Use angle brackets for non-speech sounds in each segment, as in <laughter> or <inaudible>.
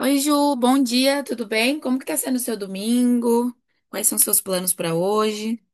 Oi, Ju, bom dia, tudo bem? Como que tá sendo o seu domingo? Quais são os seus planos para hoje?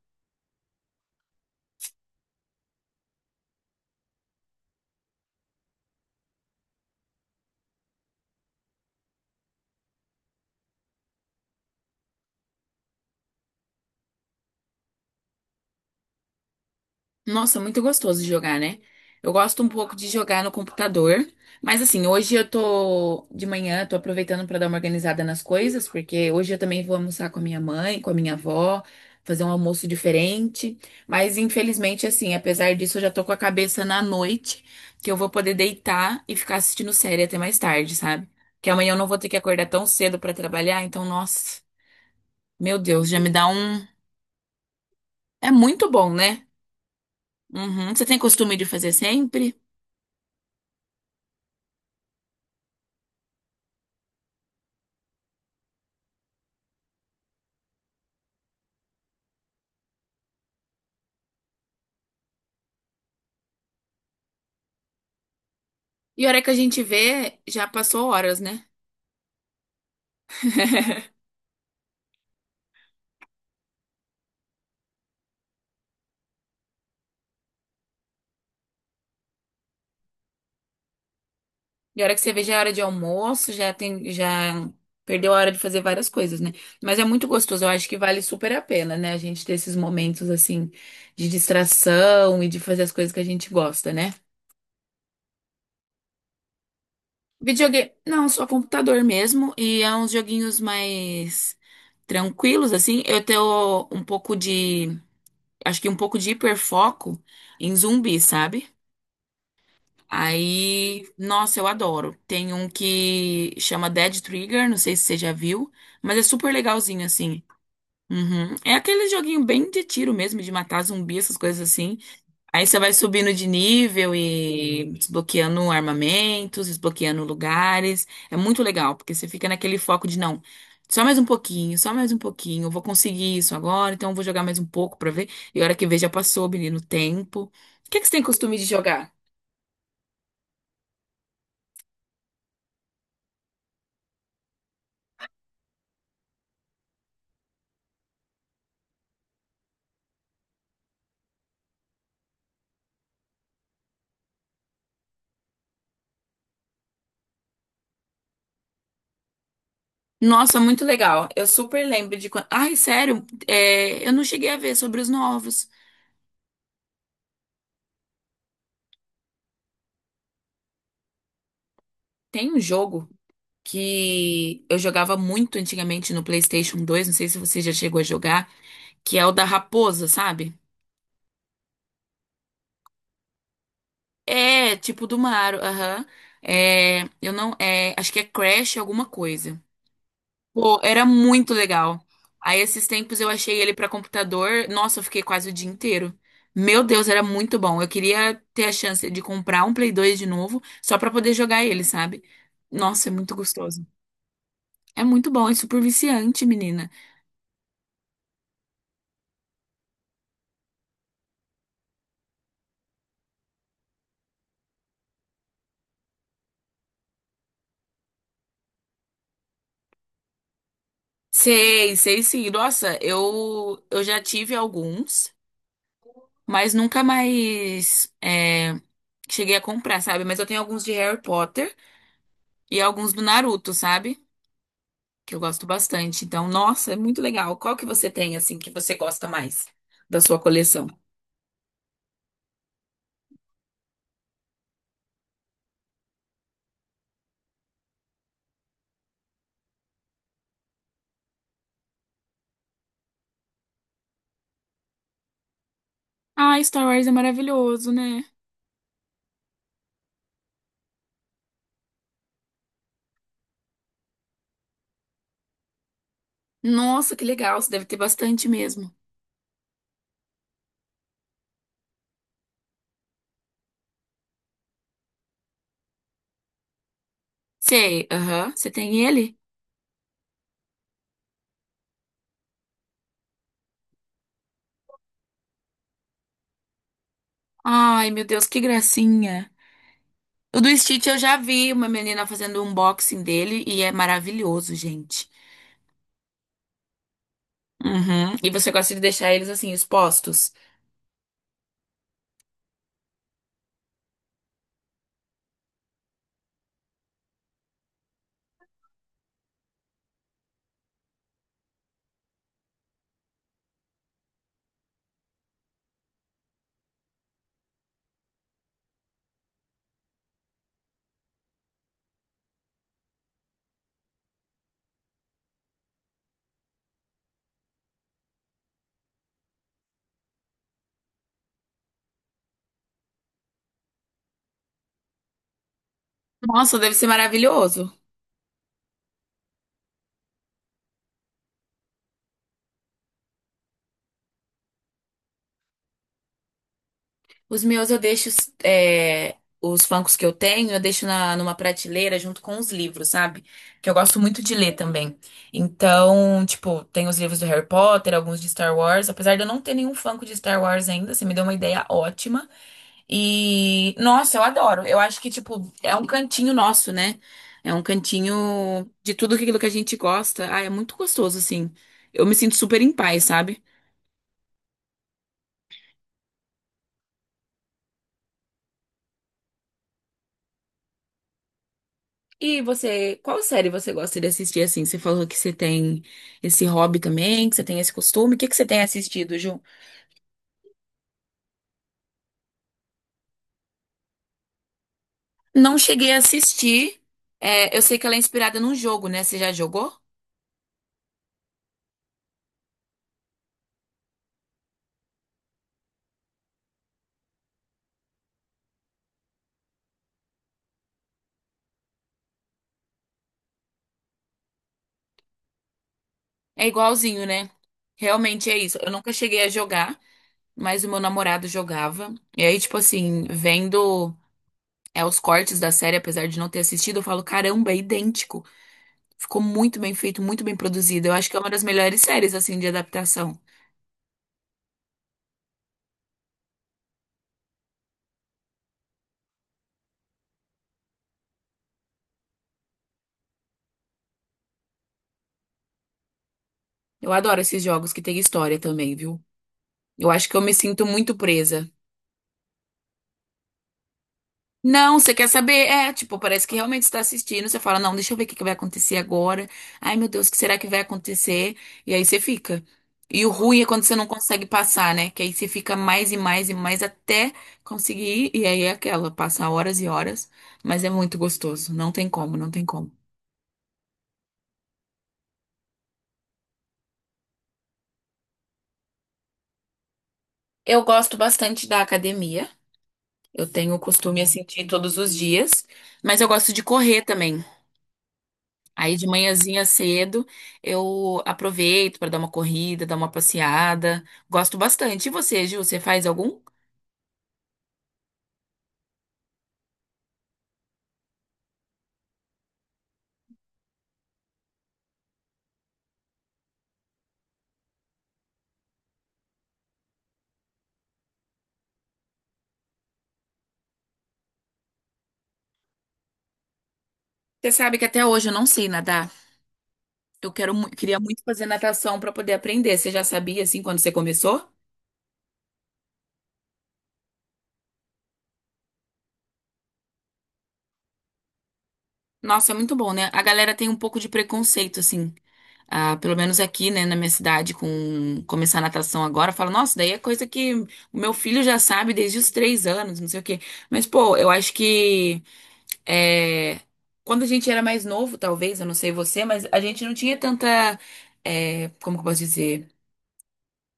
Nossa, muito gostoso de jogar, né? Eu gosto um pouco de jogar no computador, mas assim, hoje eu tô de manhã, tô aproveitando pra dar uma organizada nas coisas, porque hoje eu também vou almoçar com a minha mãe, com a minha avó, fazer um almoço diferente. Mas infelizmente, assim, apesar disso, eu já tô com a cabeça na noite, que eu vou poder deitar e ficar assistindo série até mais tarde, sabe? Que amanhã eu não vou ter que acordar tão cedo pra trabalhar, então, nossa, meu Deus, já me dá um. É muito bom, né? Uhum. Você tem costume de fazer sempre? E a hora que a gente vê, já passou horas, né? <laughs> E a hora que você vê, já é hora de almoço, já tem, já perdeu a hora de fazer várias coisas, né? Mas é muito gostoso, eu acho que vale super a pena, né? A gente ter esses momentos assim de distração e de fazer as coisas que a gente gosta, né? Videogame, não, só computador mesmo e é uns joguinhos mais tranquilos assim. Eu tenho um pouco de, acho que um pouco de hiperfoco em zumbi, sabe? Aí, nossa, eu adoro. Tem um que chama Dead Trigger, não sei se você já viu, mas é super legalzinho assim. Uhum. É aquele joguinho bem de tiro mesmo, de matar zumbi, essas coisas assim. Aí você vai subindo de nível e desbloqueando armamentos, desbloqueando lugares. É muito legal, porque você fica naquele foco de não, só mais um pouquinho, só mais um pouquinho, eu vou conseguir isso agora, então eu vou jogar mais um pouco pra ver. E a hora que vê já passou, menino, o tempo. O que é que você tem costume de jogar? Nossa, muito legal. Eu super lembro de quando. Ai, sério, é, eu não cheguei a ver sobre os novos. Tem um jogo que eu jogava muito antigamente no PlayStation 2, não sei se você já chegou a jogar, que é o da raposa, sabe? É, tipo do Mario, aham. É, eu não, é, acho que é Crash alguma coisa. Pô, era muito legal. Aí esses tempos eu achei ele pra computador. Nossa, eu fiquei quase o dia inteiro. Meu Deus, era muito bom. Eu queria ter a chance de comprar um Play 2 de novo, só pra poder jogar ele, sabe? Nossa, é muito gostoso. É muito bom, é super viciante, menina. Sei, sei sim. Nossa, eu já tive alguns, mas nunca mais é, cheguei a comprar, sabe? Mas eu tenho alguns de Harry Potter e alguns do Naruto, sabe? Que eu gosto bastante. Então, nossa, é muito legal. Qual que você tem, assim, que você gosta mais da sua coleção? Ah, Star Wars é maravilhoso, né? Nossa, que legal. Você deve ter bastante mesmo. Sei, aham. Você tem ele? Ai, meu Deus, que gracinha. O do Stitch eu já vi uma menina fazendo um unboxing dele e é maravilhoso, gente. Uhum. E você gosta de deixar eles, assim, expostos? Nossa, deve ser maravilhoso. Os meus eu deixo, é, os funkos que eu tenho, eu deixo na, numa prateleira junto com os livros, sabe? Que eu gosto muito de ler também. Então, tipo, tem os livros do Harry Potter, alguns de Star Wars. Apesar de eu não ter nenhum funko de Star Wars ainda, você me deu uma ideia ótima. E, nossa, eu adoro. Eu acho que, tipo, é um cantinho nosso, né? É um cantinho de tudo aquilo que a gente gosta. Ah, é muito gostoso, assim. Eu me sinto super em paz, sabe? E você, qual série você gosta de assistir assim? Você falou que você tem esse hobby também, que você tem esse costume. O que que você tem assistido, Ju? Não cheguei a assistir. É, eu sei que ela é inspirada num jogo, né? Você já jogou? É igualzinho, né? Realmente é isso. Eu nunca cheguei a jogar, mas o meu namorado jogava. E aí, tipo assim, vendo os cortes da série, apesar de não ter assistido, eu falo, caramba, é idêntico. Ficou muito bem feito, muito bem produzido. Eu acho que é uma das melhores séries, assim, de adaptação. Eu adoro esses jogos que tem história também, viu? Eu acho que eu me sinto muito presa. Não, você quer saber? É, tipo, parece que realmente está assistindo. Você fala, não, deixa eu ver o que que vai acontecer agora. Ai, meu Deus, o que será que vai acontecer? E aí você fica. E o ruim é quando você não consegue passar, né? Que aí você fica mais e mais e mais até conseguir. E aí é aquela, passa horas e horas. Mas é muito gostoso. Não tem como, não tem como. Eu gosto bastante da academia. Eu tenho o costume assim de ir todos os dias. Mas eu gosto de correr também. Aí de manhãzinha cedo eu aproveito para dar uma corrida, dar uma passeada. Gosto bastante. E você, Gil, você faz algum? Você sabe que até hoje eu não sei nadar. Queria muito fazer natação para poder aprender. Você já sabia assim quando você começou? Nossa, é muito bom, né? A galera tem um pouco de preconceito assim, ah, pelo menos aqui, né, na minha cidade, com começar natação agora. Fala, nossa, daí é coisa que o meu filho já sabe desde os 3 anos, não sei o quê. Mas pô, eu acho que É, quando a gente era mais novo, talvez, eu não sei você, mas a gente não tinha tanta, é, como que eu posso dizer?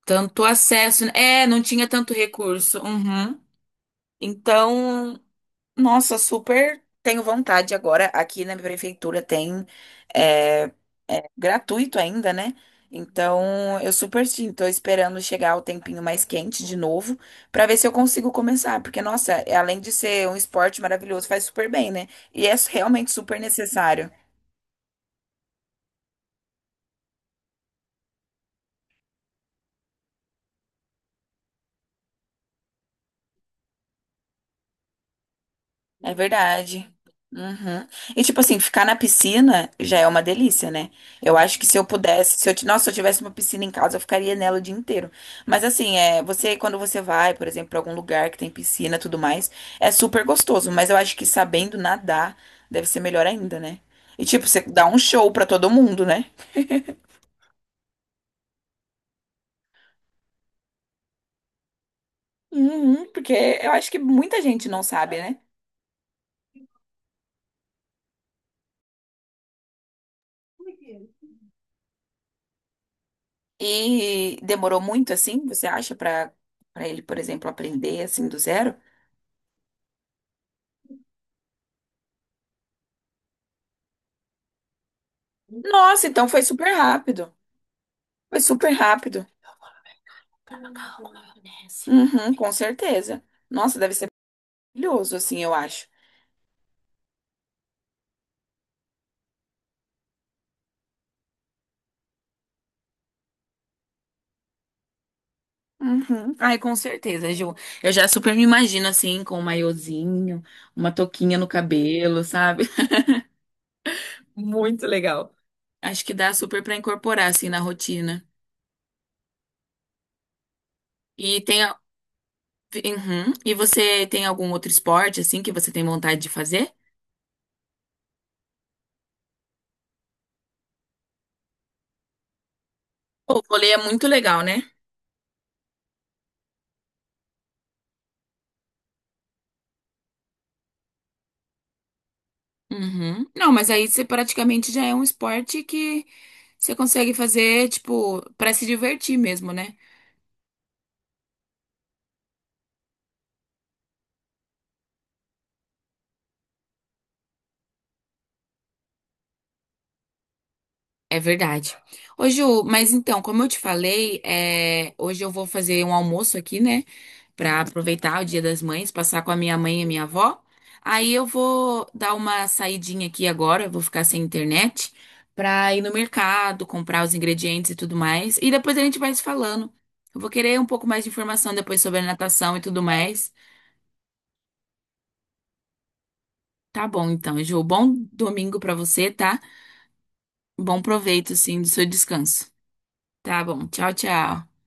Tanto acesso. Né? É, não tinha tanto recurso. Uhum. Então, nossa, super tenho vontade agora. Aqui na minha prefeitura tem é, é gratuito ainda, né? Então eu super sim, tô esperando chegar o tempinho mais quente de novo pra ver se eu consigo começar, porque nossa, além de ser um esporte maravilhoso, faz super bem, né? E é realmente super necessário. É verdade. Uhum. E tipo assim, ficar na piscina já é uma delícia, né? Eu acho que se eu pudesse, se eu, ti- nossa, se eu tivesse uma piscina em casa, eu ficaria nela o dia inteiro. Mas assim, é, você quando você vai, por exemplo, para algum lugar que tem piscina, e tudo mais, é super gostoso, mas eu acho que sabendo nadar deve ser melhor ainda, né? E tipo, você dá um show pra todo mundo, né? Uhum, porque eu acho que muita gente não sabe, né? E demorou muito assim, você acha, pra para ele, por exemplo, aprender assim do zero? Nossa, então foi super rápido. Foi super rápido. Uhum, com certeza. Nossa, deve ser maravilhoso, assim, eu acho. Uhum. Ai, com certeza, Ju. Eu já super me imagino, assim, com um maiozinho, uma touquinha no cabelo, sabe? <laughs> Muito legal. Acho que dá super pra incorporar, assim, na rotina. E tem. A- Uhum. E você tem algum outro esporte, assim, que você tem vontade de fazer? O vôlei é muito legal, né? Uhum. Não, mas aí você praticamente já é um esporte que você consegue fazer, tipo, pra se divertir mesmo, né? É verdade. Ô, Ju, mas então, como eu te falei, é, hoje eu vou fazer um almoço aqui, né? Pra aproveitar o Dia das Mães, passar com a minha mãe e a minha avó. Aí eu vou dar uma saidinha aqui agora, eu vou ficar sem internet, pra ir no mercado, comprar os ingredientes e tudo mais. E depois a gente vai se falando. Eu vou querer um pouco mais de informação depois sobre a natação e tudo mais. Tá bom, então, Ju. Bom domingo pra você, tá? Bom proveito, sim, do seu descanso. Tá bom. Tchau, tchau.